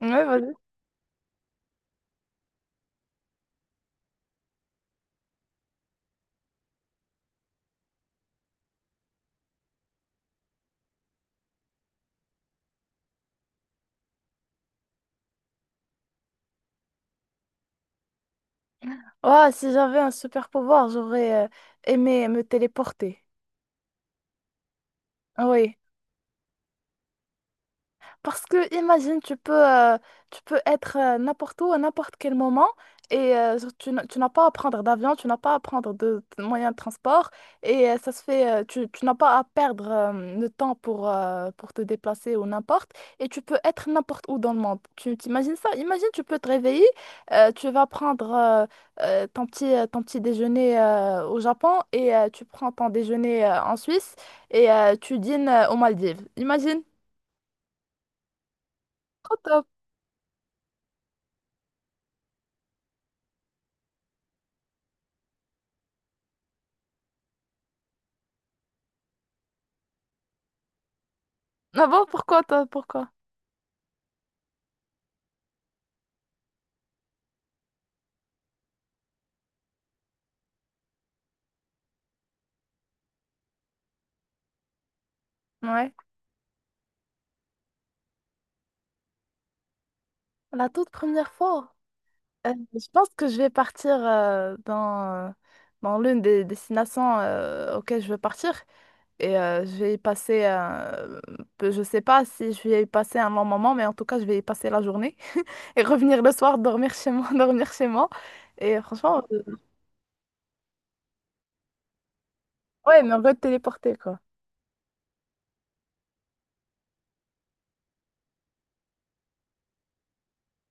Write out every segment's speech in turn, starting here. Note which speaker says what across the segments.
Speaker 1: Ouais, vas-y. Ouah, si j'avais un super pouvoir, j'aurais aimé me téléporter. Ah oui, parce que imagine, tu peux être n'importe où à n'importe quel moment et tu n'as pas à prendre d'avion, tu n'as pas à prendre de moyens de transport et ça se fait, tu, tu n'as pas à perdre le temps pour te déplacer ou n'importe, et tu peux être n'importe où dans le monde. Tu t'imagines ça? Imagine, tu peux te réveiller, tu vas prendre ton petit déjeuner au Japon et tu prends ton déjeuner en Suisse et tu dînes aux Maldives. Imagine. Trop top. Ah bon, pourquoi toi, pourquoi? Ouais. La toute première fois, je pense que je vais partir dans l'une des destinations auxquelles je veux partir. Et je vais y passer, je sais pas si je vais y passer un long moment, mais en tout cas, je vais y passer la journée. Et revenir le soir, dormir chez moi, dormir chez moi. Et franchement, ouais, mais on veut téléporter, quoi.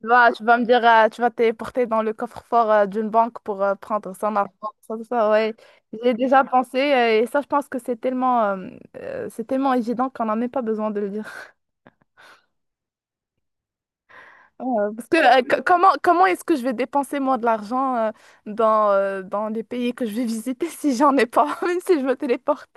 Speaker 1: Tu vas me dire, tu vas te téléporter dans le coffre-fort d'une banque pour prendre son argent. Ça, ouais. J'ai déjà pensé et ça, je pense que c'est tellement évident qu'on n'en a même pas besoin de le dire. Parce que comment, comment est-ce que je vais dépenser moi de l'argent dans les pays que je vais visiter si j'en ai pas, même si je me téléporte?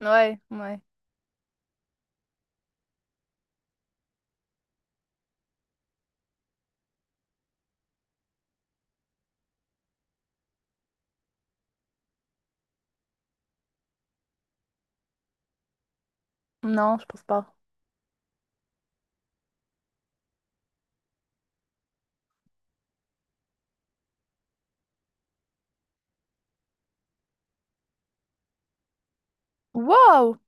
Speaker 1: Ouais, ouais. Non, je pense pas. Waouh!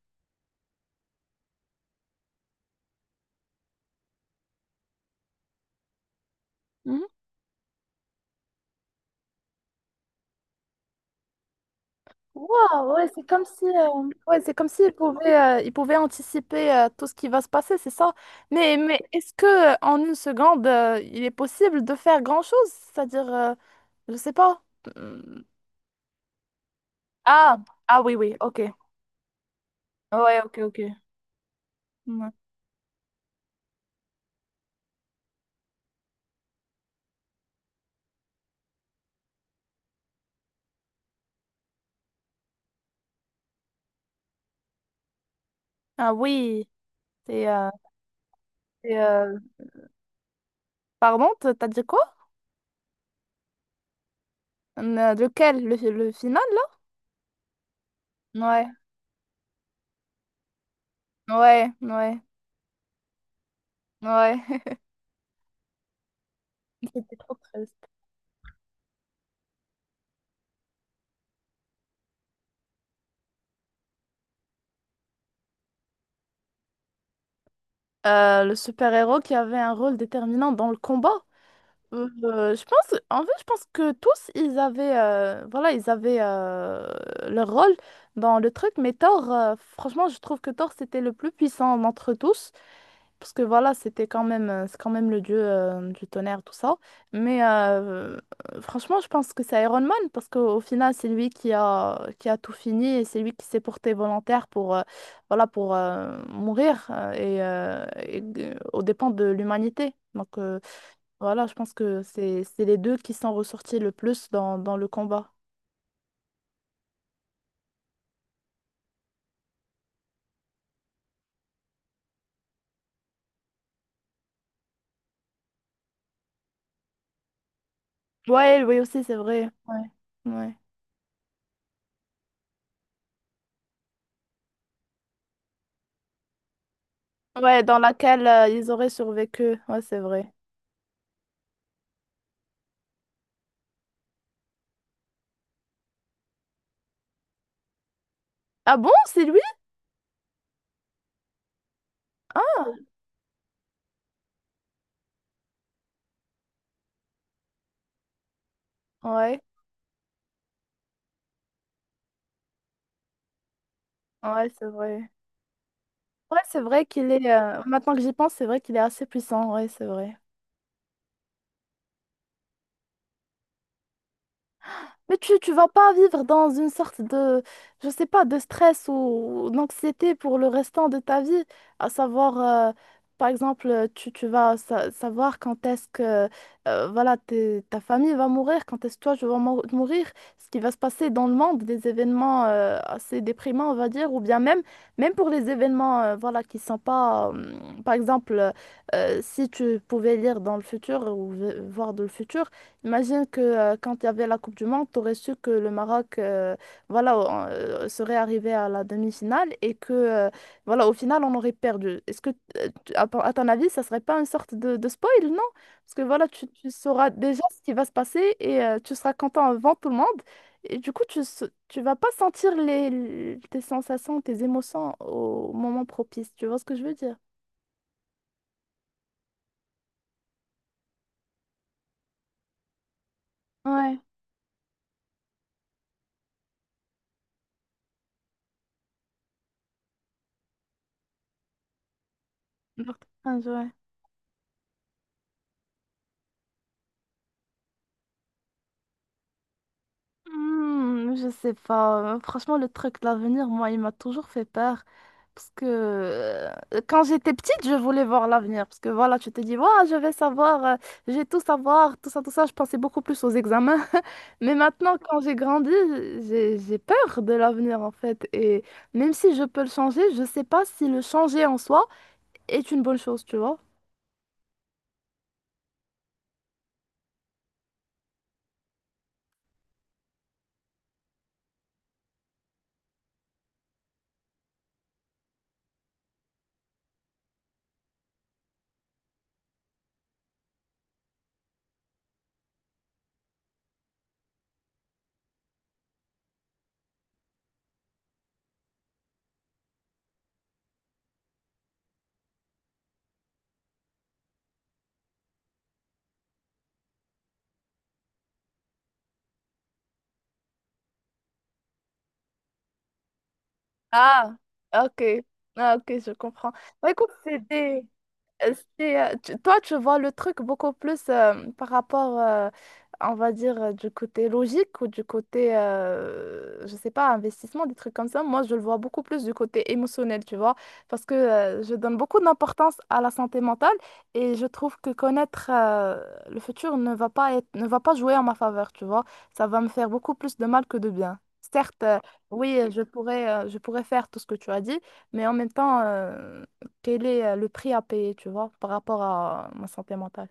Speaker 1: Wow, ouais, c'est comme si, ouais, c'est comme s'ils pouvaient, ils pouvaient anticiper tout ce qui va se passer, c'est ça. Mais est-ce que en une seconde, il est possible de faire grand-chose? C'est-à-dire, je sais pas. Hmm. Ah, ah oui, oui, ok. Ouais, ok, ok. Ouais. Ah oui, c'est, euh, c'est, pardon, t'as dit quoi? Lequel? Le, le final, là? Ouais, ouais, ouais, ouais. C'était trop triste. Le super-héros qui avait un rôle déterminant dans le combat. Je pense, en fait, je pense que tous, ils avaient, voilà, ils avaient leur rôle dans le truc, mais Thor, franchement, je trouve que Thor, c'était le plus puissant d'entre tous, parce que voilà, c'était quand même, c'est quand même le dieu du tonnerre, tout ça. Mais franchement, je pense que c'est Iron Man, parce qu'au au final, c'est lui qui a tout fini, et c'est lui qui s'est porté volontaire pour, voilà, pour mourir, et, aux dépens de l'humanité. Donc, voilà, je pense que c'est les deux qui sont ressortis le plus dans, dans le combat. Ouais, oui aussi, c'est vrai. Ouais. Ouais. Ouais, dans laquelle ils auraient survécu. Ouais, c'est vrai. Ah bon, c'est lui? Hein. Ouais, ouais, c'est vrai. Ouais, c'est vrai qu'il est. Maintenant que j'y pense, c'est vrai qu'il est assez puissant. Ouais, c'est vrai. Mais tu vas pas vivre dans une sorte de, je sais pas, de stress ou d'anxiété pour le restant de ta vie. À savoir, euh, par exemple, tu vas savoir quand est-ce que voilà, ta famille va mourir, quand est-ce que toi, je vais mourir, ce qui va se passer dans le monde, des événements assez déprimants, on va dire, ou bien même, même pour les événements voilà, qui sont pas, par exemple, si tu pouvais lire dans le futur ou voir dans le futur. Imagine que quand il y avait la Coupe du Monde, tu aurais su que le Maroc voilà, serait arrivé à la demi-finale et que voilà, au final, on aurait perdu. Est-ce que, à ton avis, ça serait pas une sorte de spoil, non? Parce que voilà, tu sauras déjà ce qui va se passer et tu seras content avant tout le monde. Et du coup, tu, tu vas pas sentir les, tes sensations, tes émotions au moment propice. Tu vois ce que je veux dire? Ouais, importante, ouais. Hmm, je sais pas. Franchement, le truc de l'avenir, moi, il m'a toujours fait peur. Parce que quand j'étais petite, je voulais voir l'avenir. Parce que voilà, tu te dis, ouah, je vais savoir, je vais tout savoir, tout ça, tout ça. Je pensais beaucoup plus aux examens. Mais maintenant, quand j'ai grandi, j'ai peur de l'avenir, en fait. Et même si je peux le changer, je sais pas si le changer en soi est une bonne chose, tu vois. Ah, ok. Ah, ok, je comprends. Bah, écoute, c'était. C'est, toi, tu vois le truc beaucoup plus par rapport, on va dire, du côté logique ou du côté, je sais pas, investissement, des trucs comme ça. Moi, je le vois beaucoup plus du côté émotionnel, tu vois, parce que je donne beaucoup d'importance à la santé mentale et je trouve que connaître le futur ne va pas être, ne va pas jouer en ma faveur, tu vois. Ça va me faire beaucoup plus de mal que de bien. Certes, oui, je pourrais faire tout ce que tu as dit, mais en même temps… quel est le prix à payer, tu vois, par rapport à ma santé mentale.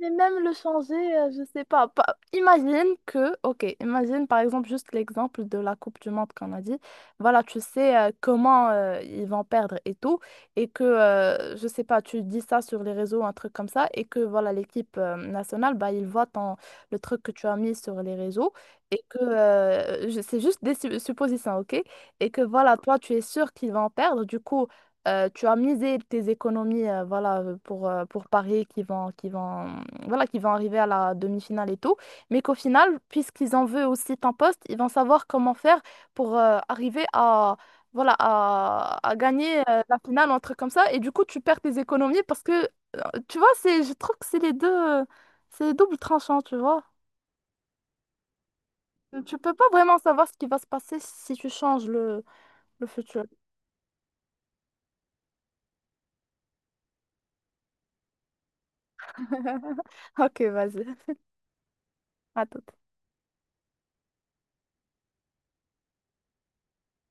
Speaker 1: Mais même le changer, je sais pas, imagine que, ok, imagine par exemple juste l'exemple de la Coupe du Monde qu'on a dit. Voilà, tu sais comment ils vont perdre et tout, et que, je sais pas, tu dis ça sur les réseaux, un truc comme ça, et que voilà, l'équipe nationale, bah, ils voient le truc que tu as mis sur les réseaux, et que c'est juste des suppositions, ok? Et que voilà, toi, tu es sûr qu'ils vont perdre, du coup, tu as misé tes économies voilà, pour Paris qui vont, mm, voilà, qui vont arriver à la demi-finale et tout, mais qu'au final, puisqu'ils en veulent aussi ton poste, ils vont savoir comment faire pour arriver à, voilà, à gagner la finale, un truc comme ça, et du coup, tu perds tes économies parce que, euh, tu vois, c'est, je trouve que c'est les deux, euh, c'est double tranchant, tu vois. Tu peux pas vraiment savoir ce qui va se passer si tu changes le futur. Ok, vas-y. À tout.